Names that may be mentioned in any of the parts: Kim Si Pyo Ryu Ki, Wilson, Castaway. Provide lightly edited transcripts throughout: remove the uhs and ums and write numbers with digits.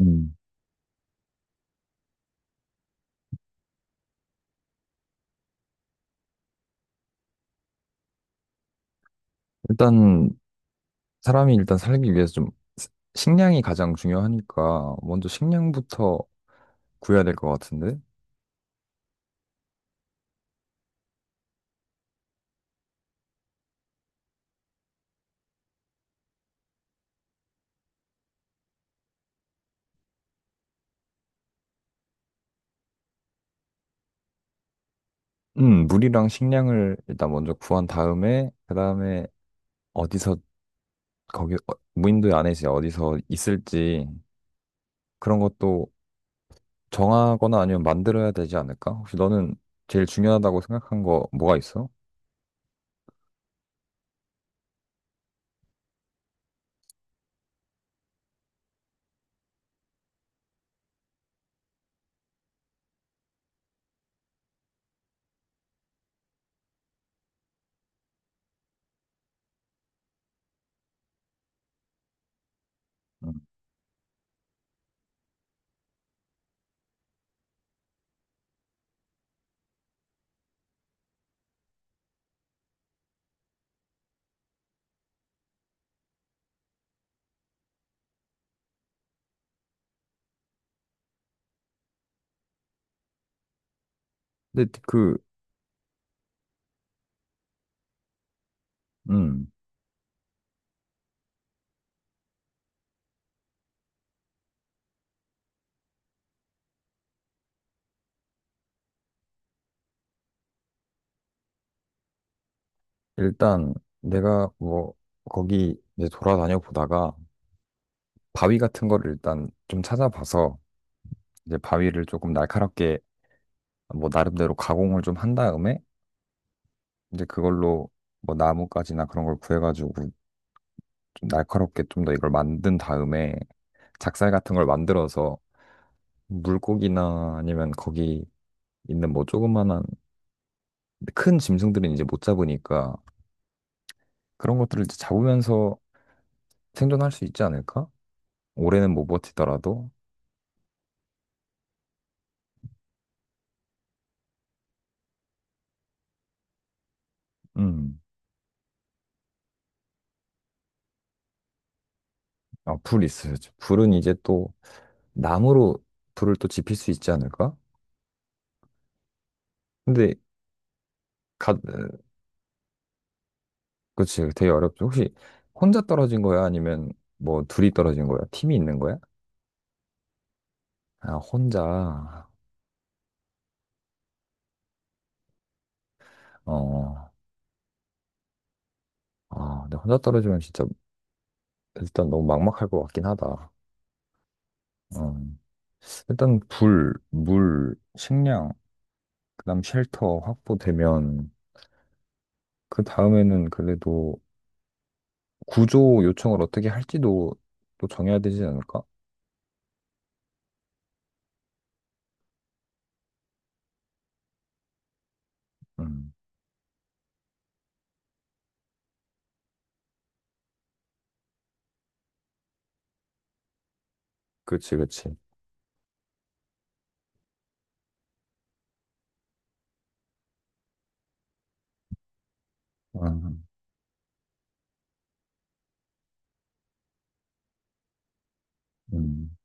음. 일단 사람이 일단 살기 위해서 좀 스- 식량이 가장 중요하니까 먼저 식량부터 구해야 될 것 같은데? 물이랑 식량을 일단 먼저 구한 다음에 그다음에 어디서 무인도에 안에 이제 어디서 있을지 그런 것도 정하거나 아니면 만들어야 되지 않을까? 혹시 너는 제일 중요하다고 생각한 거 뭐가 있어? 음. 근데 그 음, 일단 내가 뭐 거기 이제 돌아다녀 보다가 바위 같은 거를 일단 좀 찾아봐서 이제 바위를 조금 날카롭게 뭐 나름대로 가공을 좀 한 다음에 이제 그걸로 뭐 나뭇가지나 그런 걸 구해가지고 좀 날카롭게 좀 더 이걸 만든 다음에 작살 같은 걸 만들어서 물고기나 아니면 거기 있는 뭐 조그만한 큰 짐승들은 이제 못 잡으니까 그런 것들을 이제 잡으면서 생존할 수 있지 않을까? 올해는 못 버티더라도. 음. 아, 불 있어야죠. 불은 이제 또 나무로 불을 또 지필 수 있지 않을까? 근데 가 그치 되게 어렵죠. 혹시 혼자 떨어진 거야? 아니면 뭐 둘이 떨어진 거야? 팀이 있는 거야? 아, 혼자. 어. 아, 근데 혼자 떨어지면 진짜 일단 너무 막막할 것 같긴 하다. 어. 일단 불, 물, 식량, 그다음 쉘터 확보되면 그 다음에는 그래도 구조 요청을 어떻게 할지도 또 정해야 되지 않을까? 음. 그치, 그치. 음. 음.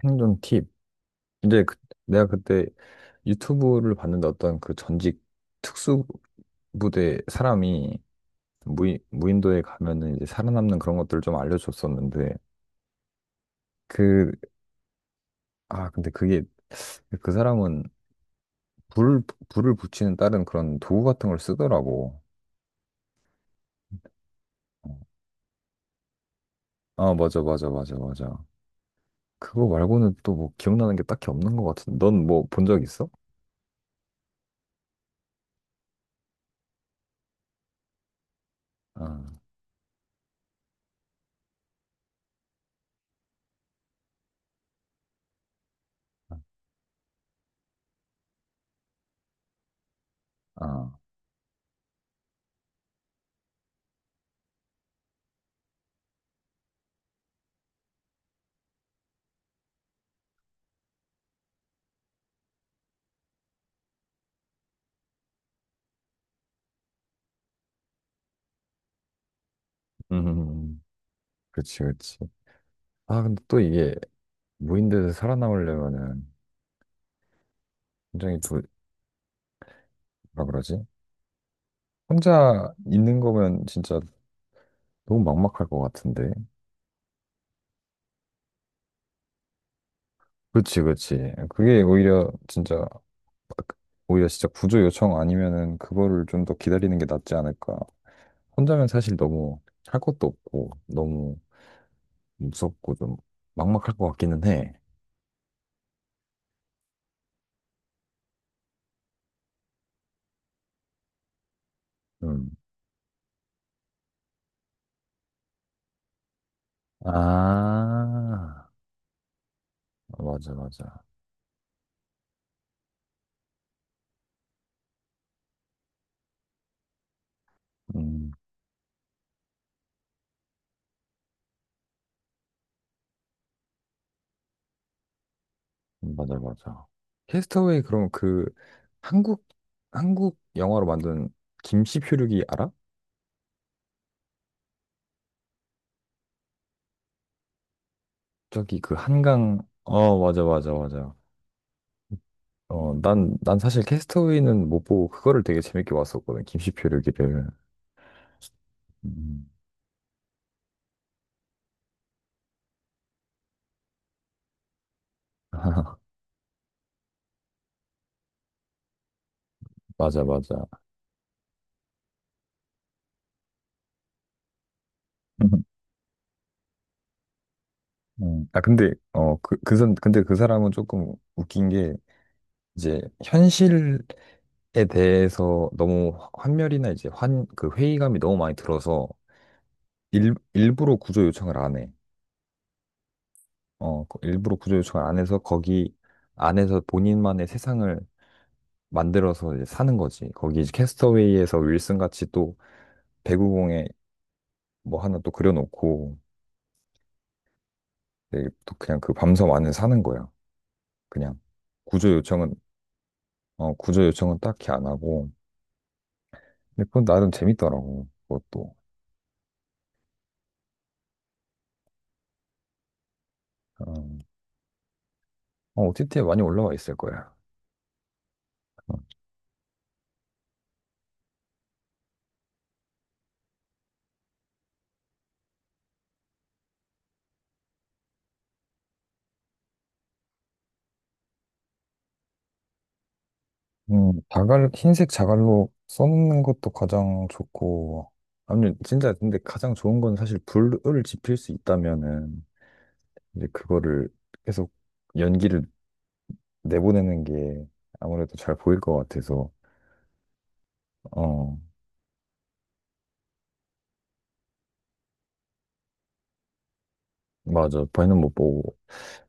생존 팁. 근데 그- 내가 그때 유튜브를 봤는데 어떤 그 전직 특수부대 사람이 무인도에 가면은 이제 살아남는 그런 것들을 좀 알려줬었는데 그, 근데 그게 그 사람은 불, 불을 붙이는 다른 그런 도구 같은 걸 쓰더라고. 어, 아, 맞아, 맞아, 맞아, 맞아. 그거 말고는 또 뭐 기억나는 게 딱히 없는 것 같은데. 넌 뭐 본 적 있어? 아, 아, 음, 그치, 그치. 아, 근데 또 이게 무인도에서 살아남으려면은 굉장히 뭐라 그러지? 혼자 있는 거면 진짜 너무 막막할 것 같은데. 그치, 그치. 오히려 진짜 구조 요청 아니면은 그거를 좀 더 기다리는 게 낫지 않을까. 혼자면 사실 너무 할 것도 없고, 너무 무섭고 좀 막막할 것 같기는 해. 음. 아, 맞아, 맞아. 음, 맞아, 맞아. 캐스터웨이 그럼 그 한국, 한국 영화로 만든 김씨 표류기 알아? 저기 그 한강. 어, 맞아, 맞아, 맞아. 어, 난 사실 캐스터웨이는 못 보고 그거를 되게 재밌게 봤었거든, 김시표류기를. 음. 맞아, 맞아. 아, 근데 어그그 근데 그 사람은 조금 웃긴 게 이제 현실에 대해서 너무 환멸이나 이제 환 그 회의감이 너무 많이 들어서 일 일부러 구조 요청을 안 해. 어, 그 일부러 구조 요청을 안 해서 거기 안에서 본인만의 세상을 만들어서 이제 사는 거지. 거기 이제 캐스터웨이에서 윌슨 같이 또 배구공에 뭐 하나 또 그려놓고 이제 또 그냥 그 밤섬 안에 사는 거야. 그냥 구조 요청은. 어, 구조 요청은 딱히 안 하고. 근데 그건 나름 재밌더라고. 그것도. 어, OTT에 많이 올라와 있을 거야. 어. 자갈 흰색 자갈로 써놓는 것도 가장 좋고. 아니 진짜 근데 가장 좋은 건 사실 불을 지필 수 있다면은 이제 그거를 계속 연기를 내보내는 게 아무래도 잘 보일 것 같아서. 어, 맞아. 배는 못 보고.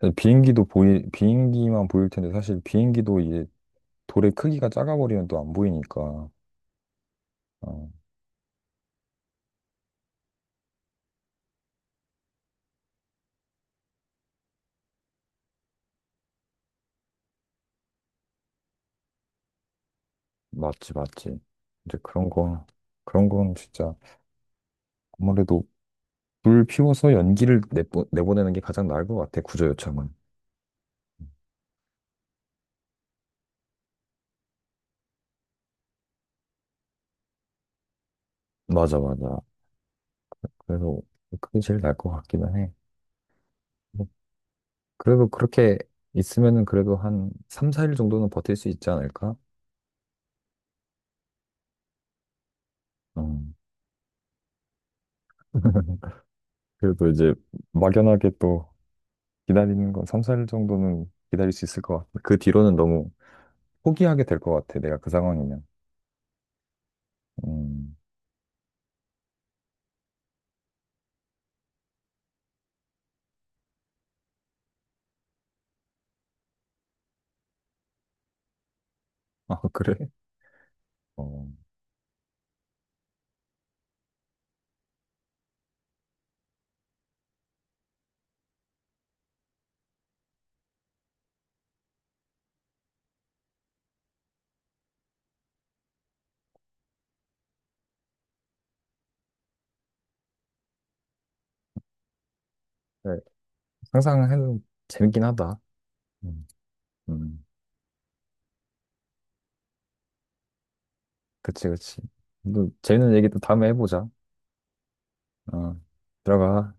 사실 비행기만 보일 텐데, 사실 비행기도 이제 돌의 크기가 작아버리면 또 안 보이니까. 어, 맞지, 맞지. 이제 그런 거, 그런 건 진짜 아무래도 불 피워서 내보내는 게 가장 나을 것 같아, 구조 요청은. 맞아, 맞아. 그래서 그게 제일 나을 것 같기는 해. 뭐, 그래도 그렇게 있으면은 그래도 한 3, 4일 정도는 버틸 수 있지 않을까? 어. 그래도 이제 막연하게 또 기다리는 건 3, 4일 정도는 기다릴 수 있을 것 같아. 그 뒤로는 너무 포기하게 될 것 같아. 내가 그 상황이면. 음. 아, 그래? 어. 네. 항상 해도 재밌긴 하다. 음. 음. 그치, 그치. 또 재밌는 얘기 또 다음에 해보자. 어. 들어가.